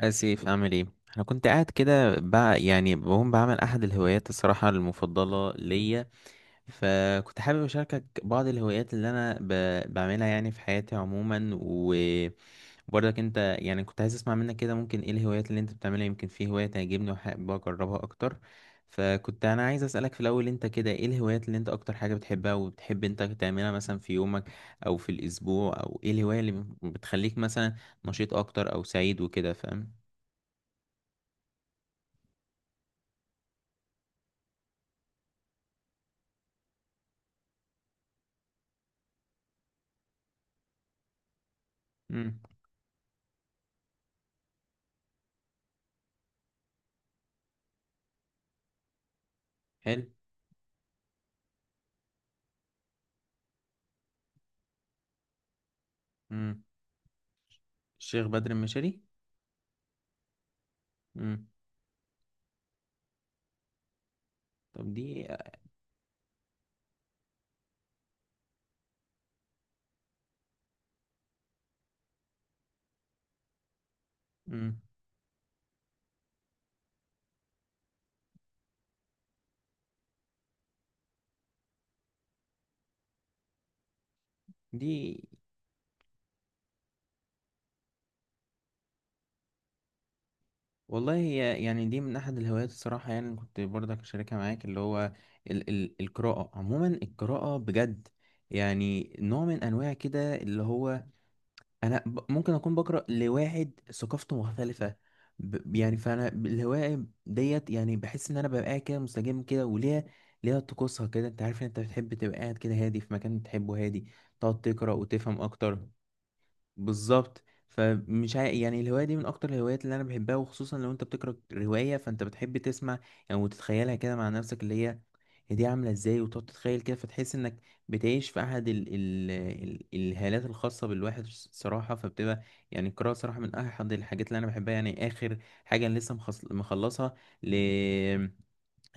آسف أعمل إيه؟ أنا كنت قاعد كده بقى يعني بقوم بعمل أحد الهوايات الصراحة المفضلة ليا. فكنت حابب أشاركك بعض الهوايات اللي أنا بعملها يعني في حياتي عموما، وبرضك أنت يعني كنت عايز أسمع منك كده ممكن إيه الهوايات اللي أنت بتعملها، يمكن في هواية تعجبني وحابب أجربها أكتر. فكنت أنا عايز أسألك في الأول أنت كده إيه الهوايات اللي أنت أكتر حاجة بتحبها وبتحب أنت تعملها مثلا في يومك أو في الأسبوع، أو إيه الهواية اللي بتخليك مثلا نشيط أكتر أو سعيد وكده فاهم؟ امم. حلو. امم. الشيخ بدر المشاري. امم. طب دي. امم. دي والله هي يعني دي من احد الهوايات الصراحه، يعني كنت برضك اشاركها معاك اللي هو ال القراءه عموما، القراءه بجد. يعني نوع من انواع كده اللي هو انا ممكن اكون بقرا لواحد ثقافته مختلفه. يعني فانا الهوايه ديت يعني بحس ان انا ببقى قاعد كده مستجم كده، ليها طقوسها كده، انت عارف ان انت بتحب تبقى قاعد كده هادي في مكان بتحبه، هادي تقعد تقرا وتفهم اكتر. بالظبط. يعني الهواية دي من أكتر الهوايات اللي أنا بحبها، وخصوصا لو أنت بتقرأ رواية فأنت بتحب تسمع يعني وتتخيلها كده مع نفسك، اللي هي دي عاملة إزاي، وتقعد تتخيل كده فتحس إنك بتعيش في أحد الهالات الخاصة بالواحد صراحة، فبتبقى يعني القراءة صراحة من أحد الحاجات اللي أنا بحبها. يعني آخر حاجة أنا لسه مخلصها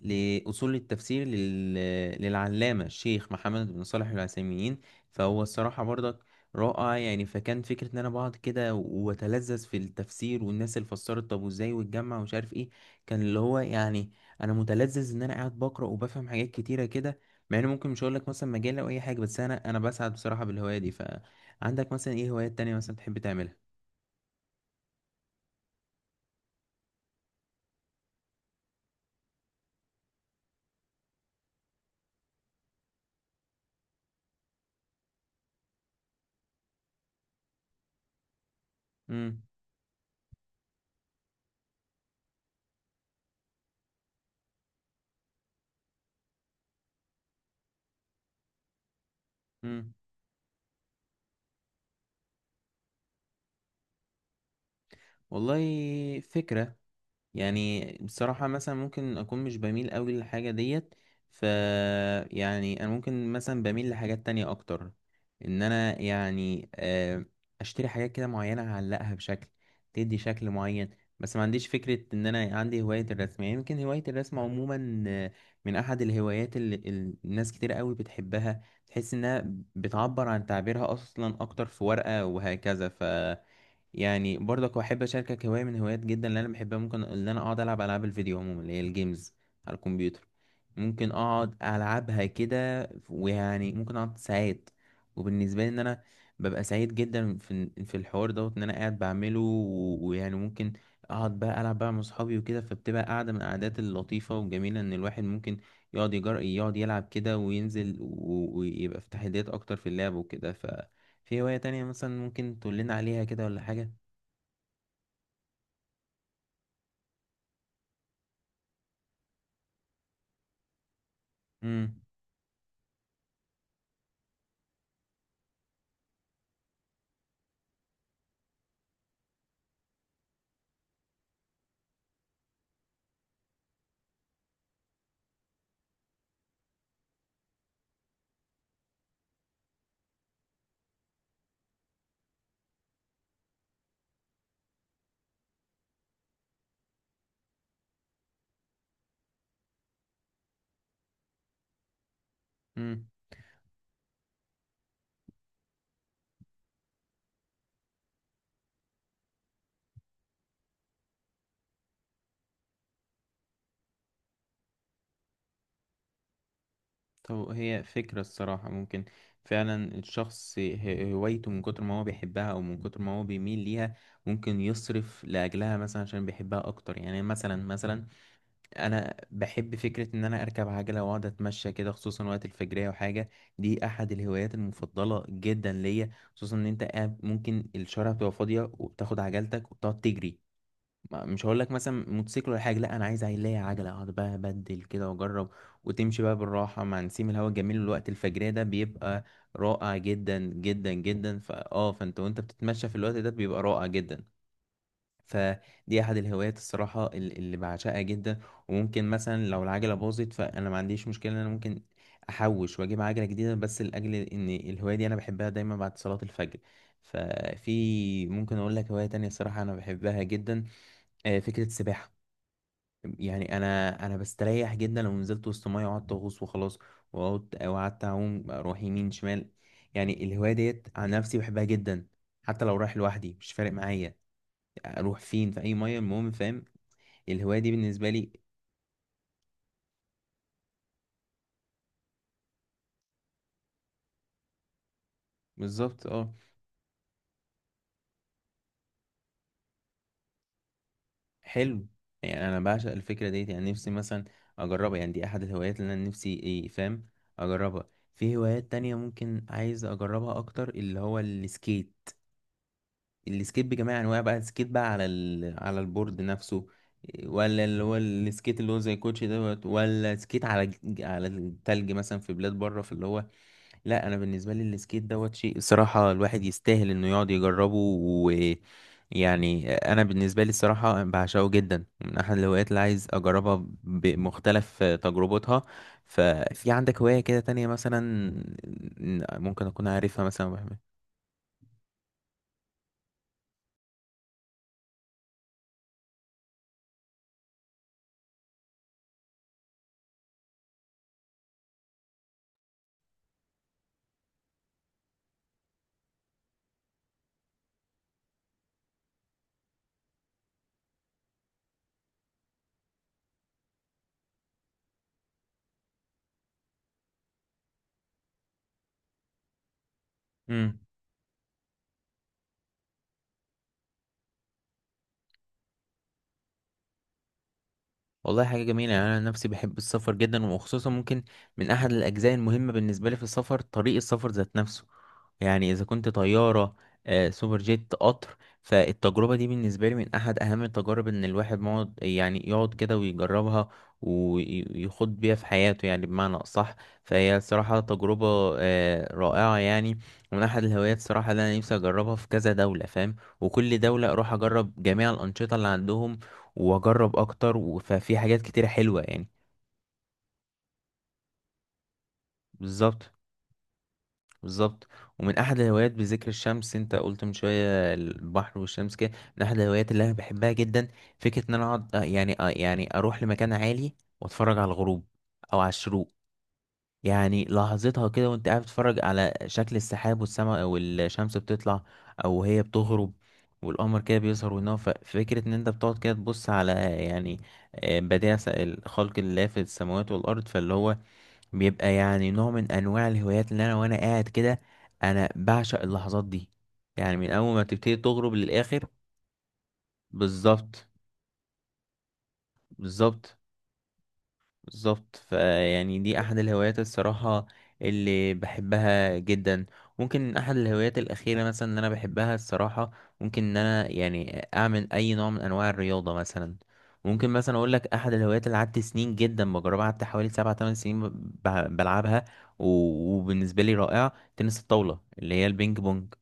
لأصول التفسير للعلامة الشيخ محمد بن صالح العثيمين. فهو الصراحة برضك رائع يعني، فكان فكرة إن أنا بقعد كده وأتلذذ في التفسير والناس اللي فسرت، طب وإزاي واتجمع ومش عارف إيه، كان اللي هو يعني أنا متلذذ إن أنا قاعد بقرأ وبفهم حاجات كتيرة كده. مع إن ممكن مش هقولك مثلا مجال أو أي حاجة، بس أنا بسعد بصراحة بالهواية دي. فعندك مثلا إيه هوايات تانية مثلا تحب تعملها؟ مم. مم. والله فكرة. يعني بصراحة مثلا ممكن أكون مش بميل أوي للحاجة ديت. ف يعني أنا ممكن مثلا بميل لحاجات تانية أكتر، إن أنا يعني أشتري حاجات كده معينة أعلقها بشكل تدي شكل معين. بس ما عنديش فكرة إن أنا عندي هواية الرسم، يعني يمكن هواية الرسم عموما من أحد الهوايات اللي الناس كتير أوي بتحبها، تحس إنها بتعبر عن تعبيرها أصلا أكتر في ورقة وهكذا. يعني برضك احب اشاركك هوايه من هوايات جدا اللي انا بحبها، ممكن ان انا اقعد العب العاب الفيديو عموما اللي هي الجيمز على الكمبيوتر. ممكن اقعد العبها كده ويعني ممكن اقعد ساعات، وبالنسبه لي ان انا ببقى سعيد جدا في الحوار دوت ان انا قاعد بعمله، ويعني ممكن اقعد بقى العب بقى مع اصحابي وكده، فبتبقى قاعده من القعدات اللطيفه والجميله ان الواحد ممكن يقعد يلعب كده وينزل، ويبقى في تحديات اكتر في اللعب وكده. ففي هوايه تانية مثلا ممكن تقول لنا عليها كده ولا حاجه؟ امم. امم. طب هي فكرة الصراحة. ممكن فعلا الشخص هوايته من كتر ما هو بيحبها، او من كتر ما هو بيميل ليها، ممكن يصرف لاجلها مثلا عشان بيحبها اكتر. يعني مثلا انا بحب فكرة ان انا اركب عجلة واقعد اتمشى كده، خصوصا وقت الفجرية وحاجة. دي احد الهوايات المفضلة جدا ليا، خصوصا ان انت قاعد ممكن الشارع بتبقى فاضية وبتاخد عجلتك وبتقعد تجري. مش هقول لك مثلا موتوسيكل ولا حاجه، لا انا عايز عيلية عجله اقعد بقى ابدل كده واجرب، وتمشي بقى بالراحه مع نسيم الهواء الجميل. الوقت الفجريه ده بيبقى رائع جدا جدا جدا، فا اه فانت وانت بتتمشى في الوقت ده بيبقى رائع جدا. فدي احد الهوايات الصراحه اللي بعشقها جدا. وممكن مثلا لو العجله باظت فانا ما عنديش مشكله ان انا ممكن احوش واجيب عجله جديده، بس لاجل ان الهوايه دي انا بحبها دايما بعد صلاه الفجر. ففي ممكن اقول لك هوايه تانية الصراحه انا بحبها جدا، فكرة السباحة. يعني أنا بستريح جدا لو نزلت وسط مية وقعدت أغوص وخلاص، وقعدت أعوم أروح يمين شمال. يعني الهواية ديت عن نفسي بحبها جدا، حتى لو رايح لوحدي مش فارق معايا، أروح فين في أي مية المهم فاهم. الهواية دي بالنسبة لي. بالظبط أه. حلو. يعني أنا بعشق الفكرة ديت، يعني نفسي مثلا أجربها، يعني دي أحد الهوايات اللي أنا نفسي إيه فاهم أجربها. في هوايات تانية ممكن عايز أجربها أكتر، اللي هو السكيت بجميع انواع بقى، السكيت بقى على على البورد نفسه، ولا اللي هو السكيت اللي هو زي الكوتشي دوت، ولا سكيت على على التلج مثلا في بلاد بره في اللي هو. لا انا بالنسبه لي السكيت دوت شيء الصراحه الواحد يستاهل انه يقعد يجربه، ويعني انا بالنسبه لي الصراحه بعشقه جدا، من احد الهوايات اللي عايز اجربها بمختلف تجربتها. ففي عندك هوايه كده تانية مثلا ممكن اكون عارفها مثلا، يا أبو أحمد؟ والله حاجة جميلة. يعني أنا نفسي بحب السفر جدا، وخصوصا ممكن من أحد الأجزاء المهمة بالنسبة لي في السفر طريق السفر ذات نفسه. يعني إذا كنت طيارة، سوبر جيت قطر، فالتجربة دي بالنسبة لي من أحد أهم التجارب، إن الواحد مقعد يعني يقعد كده ويجربها ويخوض بيها في حياته يعني بمعنى أصح. فهي الصراحة تجربة رائعة يعني، ومن أحد الهوايات الصراحة اللي أنا نفسي أجربها في كذا دولة فاهم، وكل دولة أروح أجرب جميع الأنشطة اللي عندهم، واجرب اكتر، ففي حاجات كتيرة حلوة يعني. بالظبط بالظبط. ومن احد الهوايات بذكر الشمس انت قلت من شوية البحر والشمس كده، من احد الهوايات اللي انا بحبها جدا فكرة ان انا اقعد يعني يعني اروح لمكان عالي واتفرج على الغروب او على الشروق. يعني لحظتها كده وانت قاعد بتتفرج على شكل السحاب والسماء والشمس بتطلع او هي بتغرب، والقمر كده بيظهر وينام، ففكرة ان انت بتقعد كده تبص على يعني بديع الخلق الله في السماوات والارض، فاللي هو بيبقى يعني نوع من انواع الهوايات اللي انا وانا قاعد كده انا بعشق اللحظات دي، يعني من اول ما تبتدي تغرب للاخر. بالظبط بالظبط بالظبط. فيعني دي احد الهوايات الصراحة اللي بحبها جدا. ممكن احد الهوايات الاخيرة مثلا اللي انا بحبها الصراحة، ممكن ان انا يعني اعمل اي نوع من انواع الرياضة مثلا. ممكن مثلا اقول لك احد الهوايات اللي قعدت سنين جدا بجربها، قعدت حوالي 7 8 سنين بلعبها، وبالنسبة لي رائعة تنس الطاولة اللي هي البينج بونج.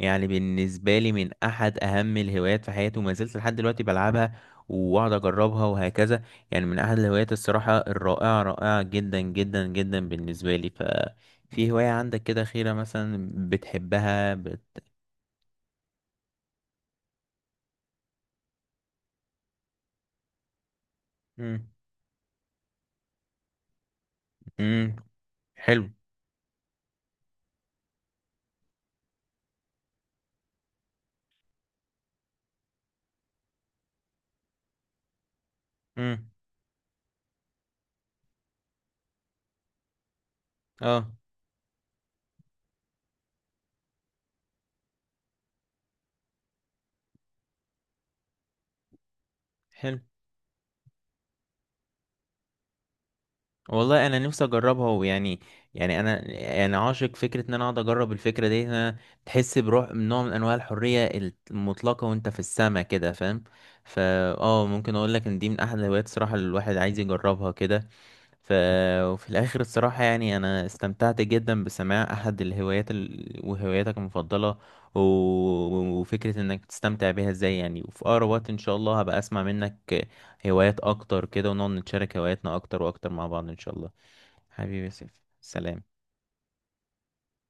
يعني بالنسبة لي من أحد أهم الهوايات في حياتي، وما زلت لحد دلوقتي بلعبها وأقعد أجربها وهكذا. يعني من أحد الهوايات الصراحة الرائعة، رائعة جدا جدا جدا بالنسبة لي. ففي هواية عندك كده خيرة مثلا بتحبها مم. مم. حلو. مم. اه. حلو. والله انا نفسي اجربها يعني انا يعني عاشق فكره ان انا اقعد اجرب الفكره دي. إن انا تحس بروح نوع من انواع الحريه المطلقه وانت في السما كده فاهم. فا اه ممكن اقول لك ان دي من احد الهوايات الصراحه اللي الواحد عايز يجربها كده. ف وفي الاخر الصراحه يعني انا استمتعت جدا بسماع احد الهوايات وهواياتك المفضله، و... وفكره انك تستمتع بيها ازاي يعني، وفي اقرب وقت ان شاء الله هبقى اسمع منك هوايات اكتر كده، ونقعد نتشارك هواياتنا اكتر واكتر مع بعض ان شاء الله. حبيبي يا سيف، سلام.